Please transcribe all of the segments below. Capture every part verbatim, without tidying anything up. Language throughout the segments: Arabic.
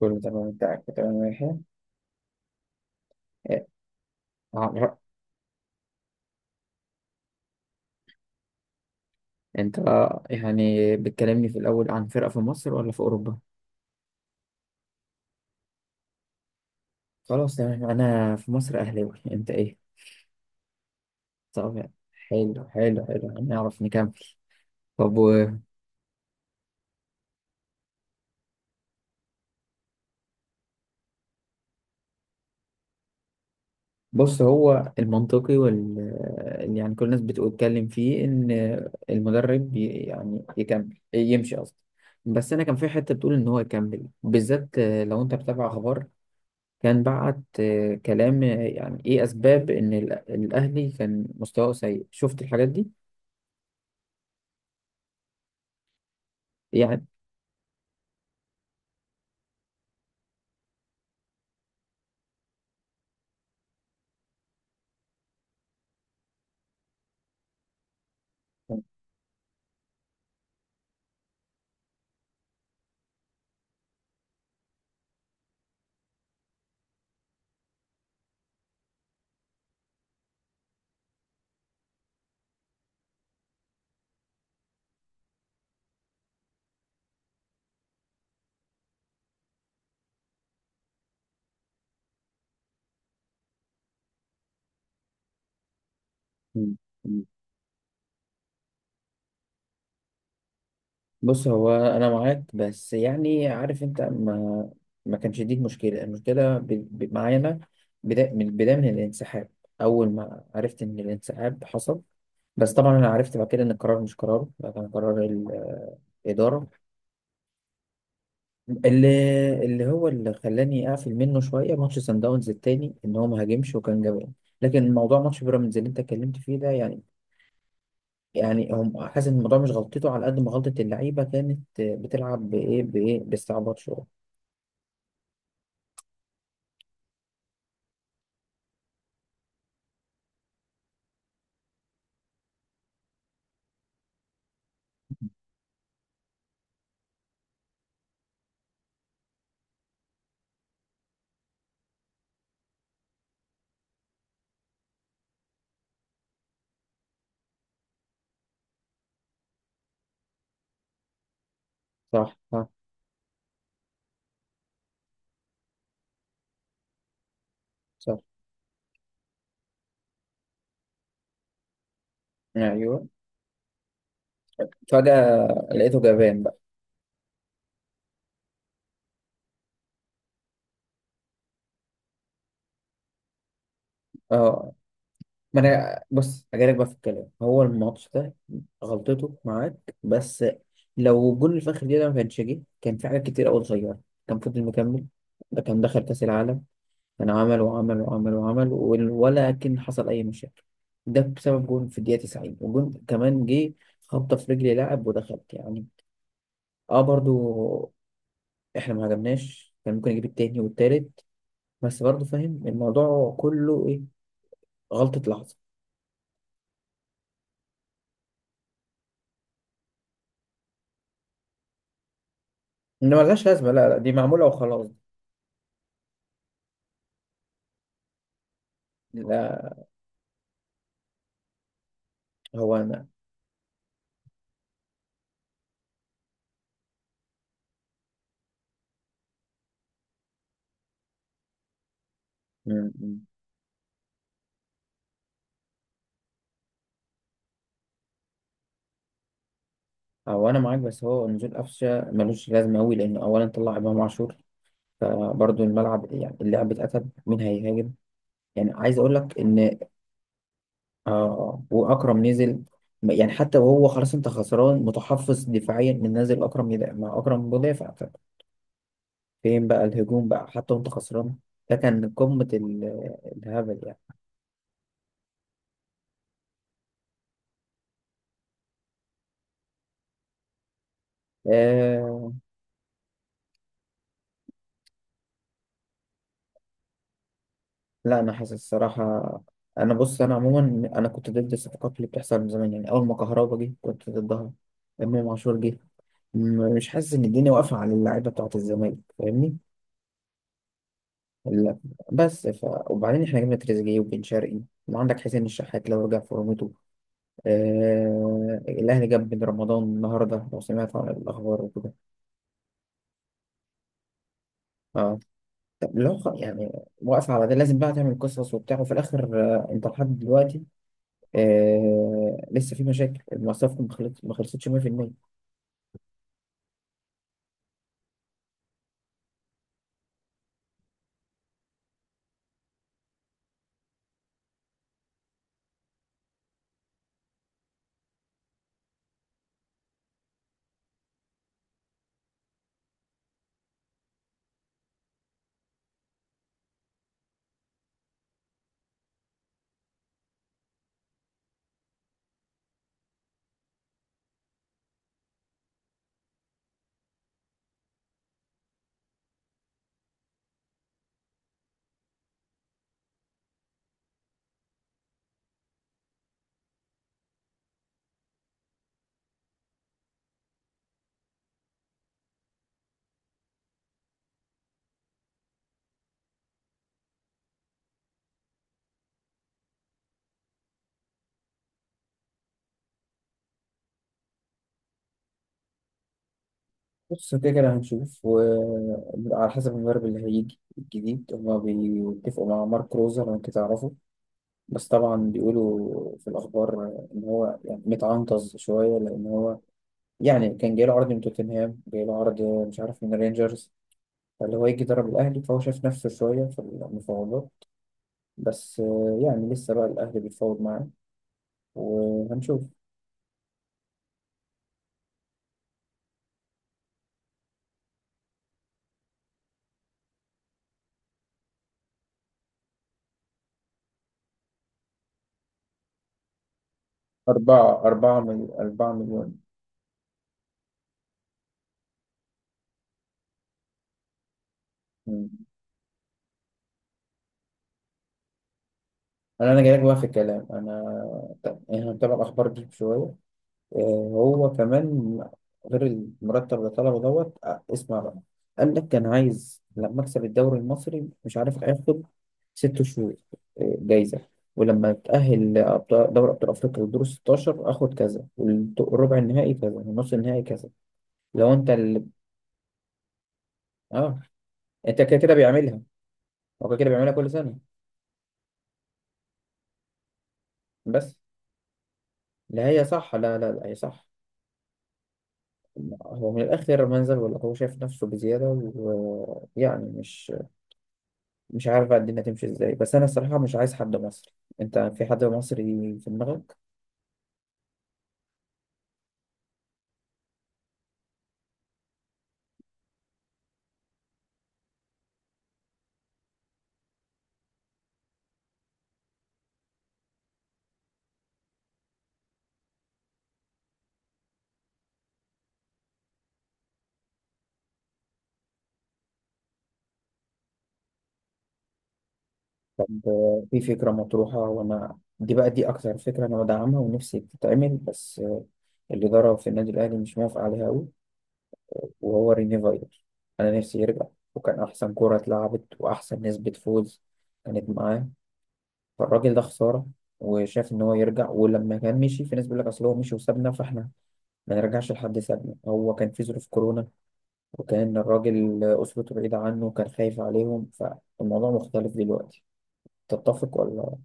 كله تمام، انت تمام؟ ماشي. إيه. اه. انت يعني بتكلمني في الاول عن فرقة في مصر ولا في اوروبا؟ خلاص، تمام. انا في مصر اهلاوي. انت ايه؟ طب حلو حلو حلو، هنعرف نكمل. طب. و- بص، هو المنطقي وال اللي يعني كل الناس بتتكلم فيه ان المدرب ي- يعني يكمل، يمشي قصدي. بس انا كان في حته بتقول ان هو يكمل، بالذات لو انت بتابع اخبار. كان بعت آه، كلام. آه، يعني ايه اسباب ان ال- الاهلي كان مستواه سيء؟ شفت الحاجات دي؟ يعني. مم. مم. بص، هو انا معاك، بس يعني عارف انت ما ما كانش دي المشكله. المشكله ب... ب... معايا انا. بدا... من البدايه، من الانسحاب. اول ما عرفت ان الانسحاب حصل. بس طبعا انا عرفت بعد كده ان القرار مش قرار، ده كان قرار الاداره. اللي اللي هو اللي خلاني اقفل منه شويه ماتش سان داونز التاني، ان هو ما هاجمش وكان جبان. لكن موضوع ماتش بيراميدز اللي انت اتكلمت فيه ده، يعني يعني هم حاسس ان الموضوع مش غلطته، على قد ما غلطه اللعيبه كانت بتلعب بايه بايه، باستعباط شويه. صح، صح، صح. ايوه، فجاه لقيته جبان بقى. اه، ما انا بص، هجيلك بقى في الكلام. هو الماتش ده غلطته معاك، بس لو جول الفخر دي ده ما كانش جه، كان في حاجات كتير قوي صغيره. كان فضل مكمل، ده كان دخل كاس العالم. كان عمل وعمل وعمل وعمل وال- ولكن حصل اي مشاكل؟ ده بسبب جول في الدقيقه تسعين، وجول كمان جه خبطه في رجل لاعب ودخلت، يعني. اه برضو، احنا ما عجبناش، كان ممكن يجيب التاني والتالت. بس برضو فاهم الموضوع كله ايه، غلطه لحظه. انما ملهاش لازمه، لا، لا، دي معموله وخلاص. لا. هو انا م- م. هو انا معاك، بس هو نزول قفشه ملوش لازمه قوي، لان اولا طلع امام عاشور. فبرضه الملعب، يعني اللعب اتقتل، مين هيهاجم؟ يعني عايز اقول لك ان آه واكرم نزل. م- يعني حتى وهو خلاص انت خسران، متحفظ دفاعيا، من نازل اكرم يدافع مع اكرم مدافع. ف- فين بقى الهجوم بقى، حتى وانت خسران؟ ده كان قمه ال- الهبل يعني. آه لا، انا حاسس الصراحه. انا بص، انا عموما انا كنت ضد الصفقات اللي بتحصل من زمان، يعني اول ما كهربا جه كنت ضدها. امام عاشور جه. م- مش حاسس ان الدنيا واقفه على اللعيبه بتاعه الزمالك، فاهمني؟ لا. بس ف... وبعدين احنا جبنا تريزيجيه وبن شرقي، وعندك حسين الشحات لو رجع فورمته. آه... الاهلي جاب بن رمضان النهارده، لو سمعت عن الاخبار وكده. اه. طب لو خ- يعني واقف على ده، لازم بقى تعمل قصص وبتاع، وفي الاخر آه، انت لحد دلوقتي آه لسه في مشاكل. المواصفات ما خلص- ما خلصتش مية في المية. بص، كده كده هنشوف، وعلى حسب المدرب اللي هيجي الجديد. هما بيتفقوا مع مارك روزر، انا كنت اعرفه. بس طبعا بيقولوا في الاخبار ان هو يعني متعنطز شويه، لان هو يعني كان جاي له عرض من توتنهام، جاي له عرض مش عارف من رينجرز. فاللي هو يجي يدرب الاهلي، فهو شايف نفسه شويه في المفاوضات. بس آه، يعني لسه بقى الاهلي بيتفاوض معاه، وهنشوف. أربعة أربعة مليون أربعة مليون. انا انا جايلك بقى في الكلام. انا طب احنا بنتابع الاخبار دي شويه، آه، هو كمان غير المرتب اللي طلبه، دوت آه، اسمع بقى. قال لك كان عايز لما اكسب الدوري المصري، مش عارف هياخد ست شهور آه، جايزه. ولما اتاهل لأبطال- دوري ابطال افريقيا للدور ستاشر اخد كذا، والربع النهائي كذا، والنص النهائي كذا. لو انت اللي اه انت كده كده بيعملها. هو كده كده بيعملها كل سنه. بس لا، هي صح. لا، لا، لا، هي صح. هو من الآخر منزل ولا هو شايف نفسه بزيادة؟ ويعني مش مش عارف بقى الدنيا تمشي ازاي. بس أنا الصراحة مش عايز حد مصري. أنت في حد مصري في دماغك؟ طب آه، في فكرة مطروحة، وأنا دي بقى، دي أكتر فكرة أنا بدعمها ونفسي تتعمل. بس آه، الإدارة في النادي الأهلي مش موافقة عليها أوي، وهو ريني فايلر. أنا نفسي يرجع، وكان أحسن كرة اتلعبت وأحسن نسبة فوز كانت معاه. فالراجل ده خسارة. وشاف إن هو يرجع. ولما كان مشي، في ناس بيقول لك أصل هو مشي وسابنا، فإحنا ما نرجعش لحد سابنا. هو كان في ظروف كورونا، وكان الراجل أسرته بعيدة عنه وكان خايف عليهم. فالموضوع مختلف دلوقتي. تتفق ولا؟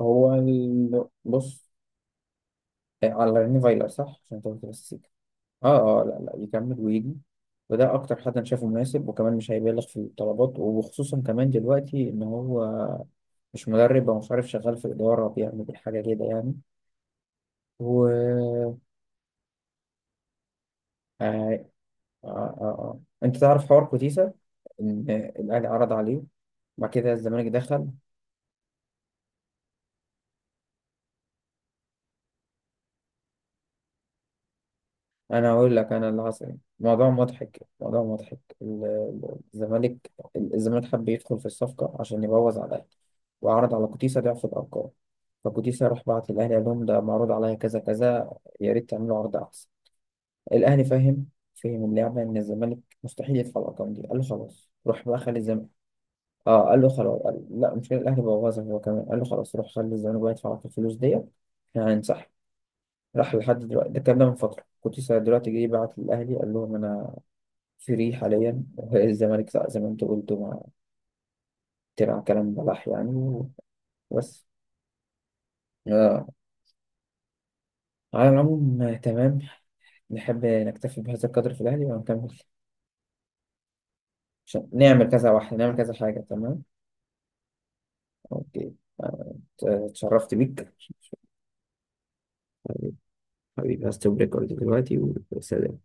هو ال... بص. إيه، على ريني فايلر صح، عشان تقول بس سيكا. اه، اه. لا، لا، يكمل ويجي. وده أكتر حد أنا شايفه مناسب، وكمان مش هيبالغ في الطلبات، وخصوصا كمان دلوقتي إن هو مش مدرب، أو مش عارف، شغال في الإدارة بيعمل حاجة كده يعني. و آه، آه، آه، آه. انت تعرف حوار كوتيسا، ان الاهلي عرض عليه، وبعد كده الزمالك دخل؟ انا هقول لك انا اللي حصل إيه. موضوع مضحك، موضوع مضحك. ال- ال- الزمالك الزمالك حب يدخل في الصفقه عشان يبوظ على الاهلي، وعرض على كوتيسا ضعف الارقام. فكوتيسا راح بعت للاهلي قال لهم ده معروض عليا كذا كذا، يا ريت تعملوا عرض احسن. الاهلي فاهم، فهم اللعبه ان الزمالك مستحيل يدفع الارقام دي، قال له خلاص، روح بقى خلي الزم... اه، قال له خلاص. قال لا مش كده، الاهلي بوظها هو كمان، قال له خلاص روح، خلي الزمالك بقى يدفع لك الفلوس ديت. احنا هنسحب. راح لحد دلوقتي. ده الكلام ده من فتره، كنت لسه دلوقتي جاي بعت للاهلي قال لهم انا فري حاليا. الزمالك ساق، زي ما انت قلت، ما تبع، كلام بلح يعني. بس آه. على العموم آه، تمام. نحب نكتفي بهذا القدر في الاهلي ونكمل، عشان نعمل كذا واحد، نعمل كذا حاجه. تمام. اوكي. آه، اتشرفت بيك. حبيبي، هستوب ريكورد دلوقتي. وسلام.